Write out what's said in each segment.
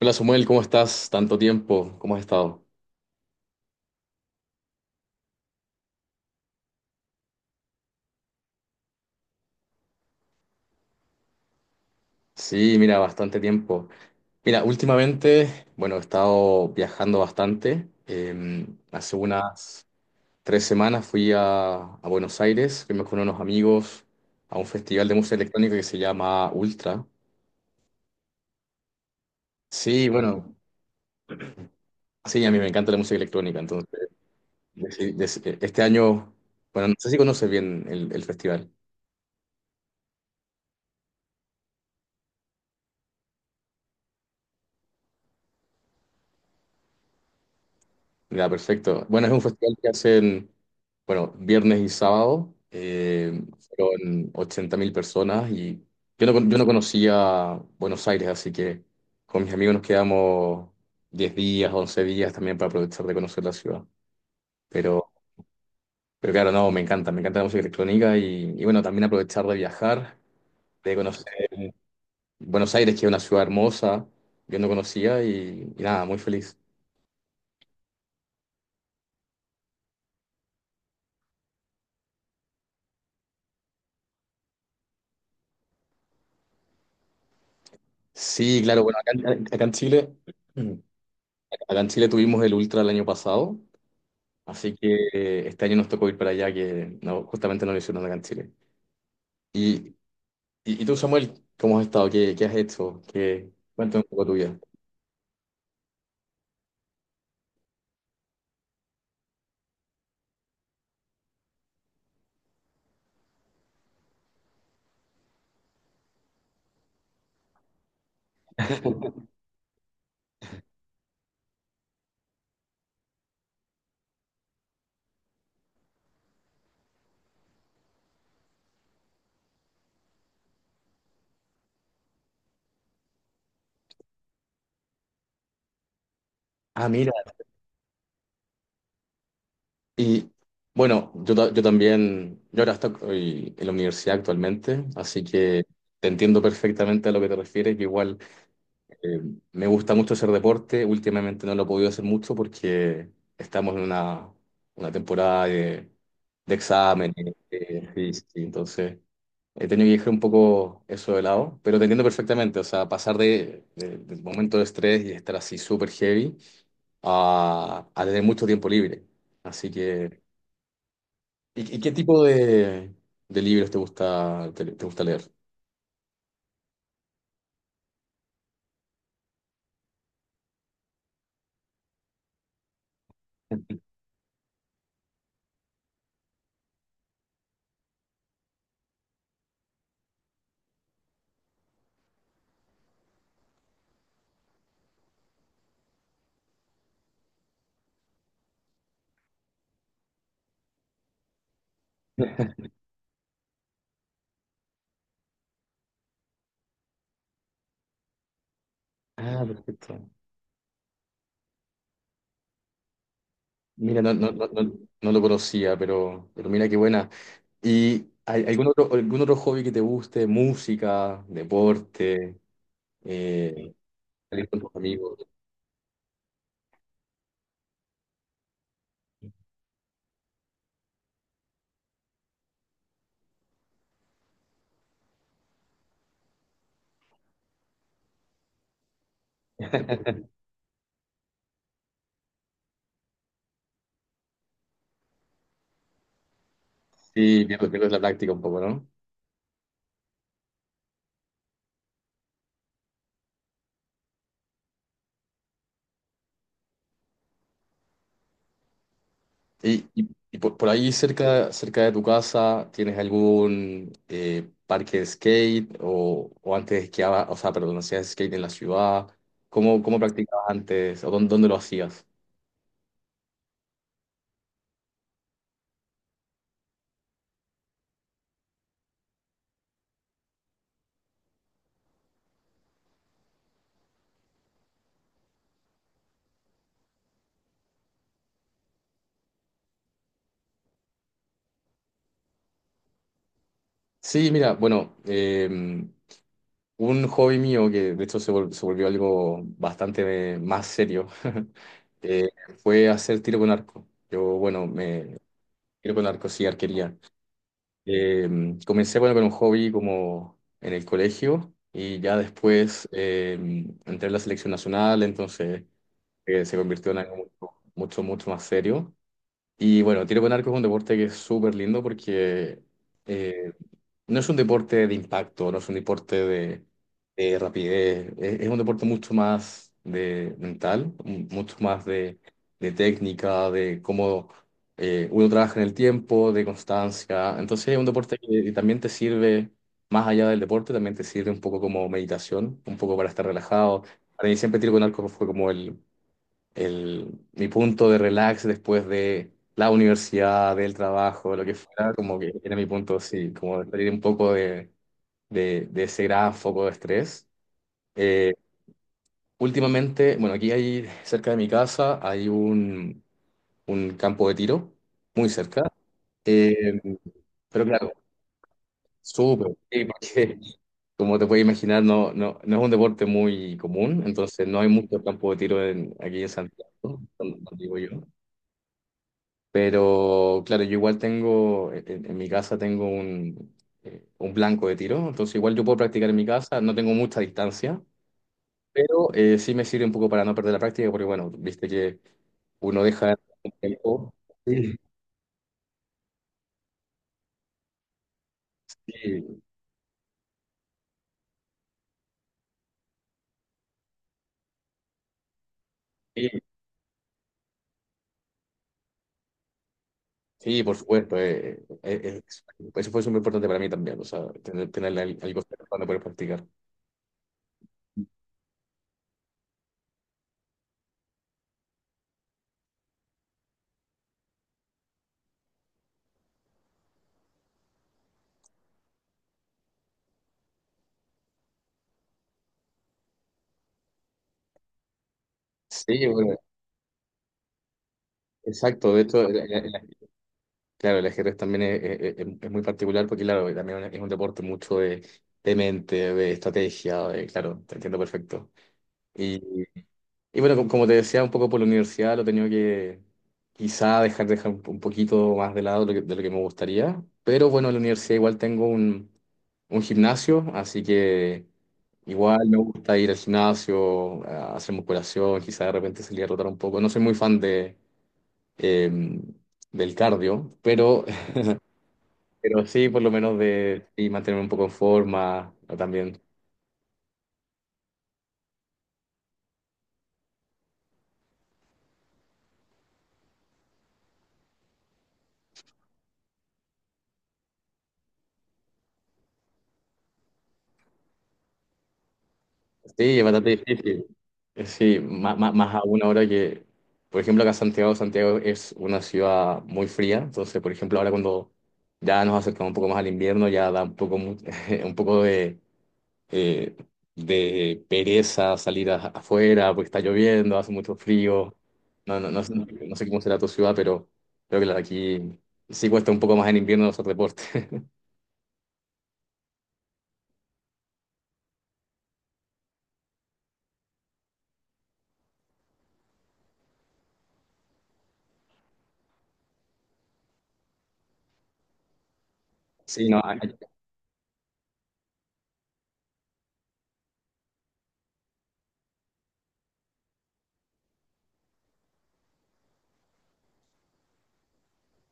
Hola Samuel, ¿cómo estás? Tanto tiempo, ¿cómo has estado? Sí, mira, bastante tiempo. Mira, últimamente, bueno, he estado viajando bastante. Hace unas 3 semanas fui a Buenos Aires, fuimos con unos amigos a un festival de música electrónica que se llama Ultra. Sí, bueno, sí, a mí me encanta la música electrónica, entonces este año, bueno, no sé si conoces bien el festival. Ya, perfecto. Bueno, es un festival que hacen, bueno, viernes y sábado. Fueron 80.000 personas y yo no conocía Buenos Aires, así que con mis amigos nos quedamos 10 días, 11 días también para aprovechar de conocer la ciudad. Pero, pero claro, no, me encanta la música electrónica y bueno, también aprovechar de viajar, de conocer Buenos Aires, que es una ciudad hermosa, yo no conocía y nada, muy feliz. Sí, claro, bueno, acá en Chile. Acá en Chile tuvimos el Ultra el año pasado, así que este año nos tocó ir para allá, que no, justamente no lo hicieron acá en Chile. Y, y tú, Samuel, ¿cómo has estado? ¿Qué, qué has hecho? ¿Qué, cuéntame un poco tu vida. Ah, mira. Y yo también, yo ahora estoy en la universidad actualmente, así que te entiendo perfectamente a lo que te refieres, que igual... Eh, Me gusta mucho hacer deporte. Últimamente no lo he podido hacer mucho porque estamos en una temporada de exámenes. Sí, sí, entonces he tenido que dejar un poco eso de lado, pero te entiendo perfectamente. O sea, pasar del momento de estrés y estar así súper heavy a tener mucho tiempo libre. Así que, y qué tipo de libros te gusta, te gusta leer? Ah, perfecto. Mira, no, no lo conocía, pero mira qué buena. ¿Y hay algún otro hobby que te guste? Música, deporte, eh, salir con tus amigos. Sí, pierdes, pierdes la práctica un poco, ¿no? Y, y- y por ahí cerca, cerca de tu casa, ¿tienes algún parque de skate o antes esquiaba, o sea, perdón, hacías skate en la ciudad? ¿Cómo, cómo practicabas antes o dónde, dónde lo hacías? Sí, mira, bueno, un hobby mío que de hecho se volvió algo bastante más serio. eh, Fue hacer tiro con arco. Yo, bueno, me tiro con arco sí, arquería. Eh, Comencé bueno, con un hobby como en el colegio y ya después entré en la selección nacional, entonces se convirtió en algo mucho más serio. Y bueno, tiro con arco es un deporte que es súper lindo porque eh, no es un deporte de impacto, no es un deporte de rapidez, es un deporte mucho más de mental, mucho más de técnica, de cómo uno trabaja en el tiempo, de constancia. Entonces es un deporte que también te sirve, más allá del deporte, también te sirve un poco como meditación, un poco para estar relajado. Para mí siempre tiro con arco fue como mi punto de relax después de la universidad, del trabajo, lo que fuera, como que era mi punto, sí, como de salir un poco de ese gran foco de estrés. Eh, Últimamente, bueno, aquí hay, cerca de mi casa, hay un campo de tiro, muy cerca. Eh, pero claro, súper, sí, porque como te puedes imaginar, no es un deporte muy común, entonces no hay mucho campo de tiro en, aquí en Santiago, donde vivo yo. Pero claro, yo igual tengo, en mi casa tengo un blanco de tiro, entonces igual yo puedo practicar en mi casa, no tengo mucha distancia, pero sí me sirve un poco para no perder la práctica, porque bueno, viste que uno deja un tiempo. Sí, sí, sí, sí, por supuesto, eso fue súper importante para mí también, o sea, tener, tener algo cerca donde poder practicar. Sí, bueno, exacto, de hecho, en claro, el ajedrez también es muy particular porque, claro, también es un deporte mucho de mente, de estrategia, de- claro, te entiendo perfecto. Y, bueno, como como te decía, un poco por la universidad lo he tenido que quizá dejar, dejar un poquito más de lado de lo que me gustaría, pero bueno, en la universidad igual tengo un gimnasio, así que igual me gusta ir al gimnasio, a hacer musculación, quizá de repente salir a rotar un poco. No soy muy fan de... em, del cardio, pero sí, por lo menos de sí, mantenerme un poco en forma o también. Sí, es bastante difícil. Sí, más aún ahora que, por ejemplo, acá Santiago, Santiago es una ciudad muy fría. Entonces, por ejemplo, ahora cuando ya nos acercamos un poco más al invierno, ya da un poco, un poco eh, de pereza salir afuera porque está lloviendo, hace mucho frío. No sé cómo será tu ciudad, pero creo que la de aquí sí cuesta un poco más en invierno hacer deporte. Sí, no,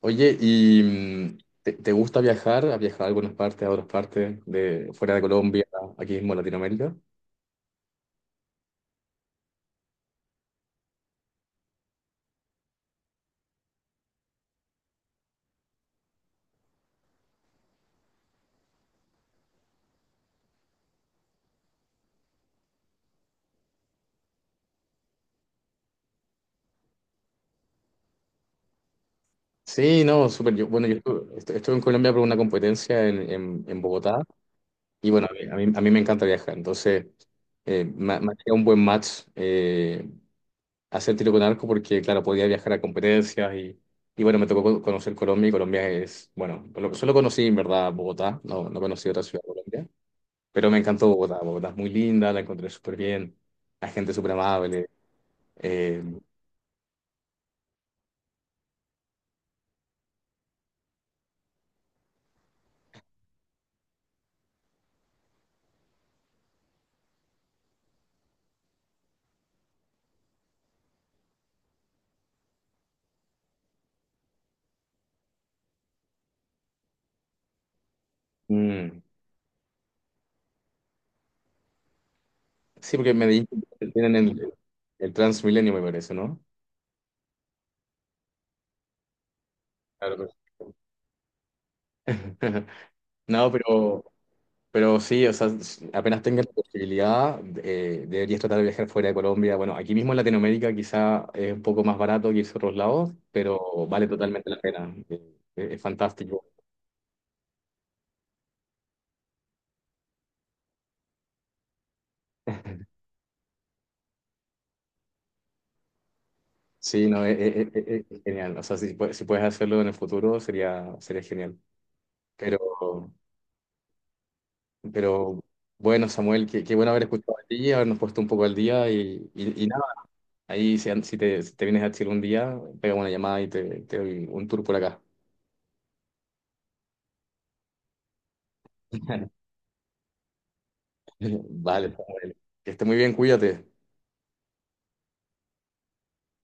oye, ¿y te gusta viajar? ¿Has viajado a algunas partes, a otras partes, de fuera de Colombia, aquí mismo en Latinoamérica? Sí, no, súper. Yo, bueno, estuve en Colombia por una competencia en Bogotá y bueno, a mí me encanta viajar, entonces me ha un buen match. Hacer tiro con arco porque, claro, podía viajar a competencias y bueno, me tocó conocer Colombia y Colombia es, bueno, solo conocí en verdad Bogotá, no, no conocí otra ciudad de Colombia. Pero me encantó Bogotá. Bogotá es muy linda, la encontré súper bien. La gente súper amable. Eh, mm, sí, porque en Medellín tienen el Transmilenio, me parece, ¿no? Claro, pues. No, pero sí, o sea, apenas tengas la posibilidad, deberías tratar de viajar fuera de Colombia. Bueno, aquí mismo en Latinoamérica quizá es un poco más barato que irse a otros lados, pero vale totalmente la pena. Es fantástico. Sí, no, es genial. O sea, si puedes hacerlo en el futuro, sería, sería genial. Pero, pero bueno, Samuel, qué, qué bueno haber escuchado a ti, habernos puesto un poco al día y nada. Ahí, si te vienes a Chile un día, pega una llamada te doy un tour por acá. Vale, Samuel. Que esté muy bien, cuídate.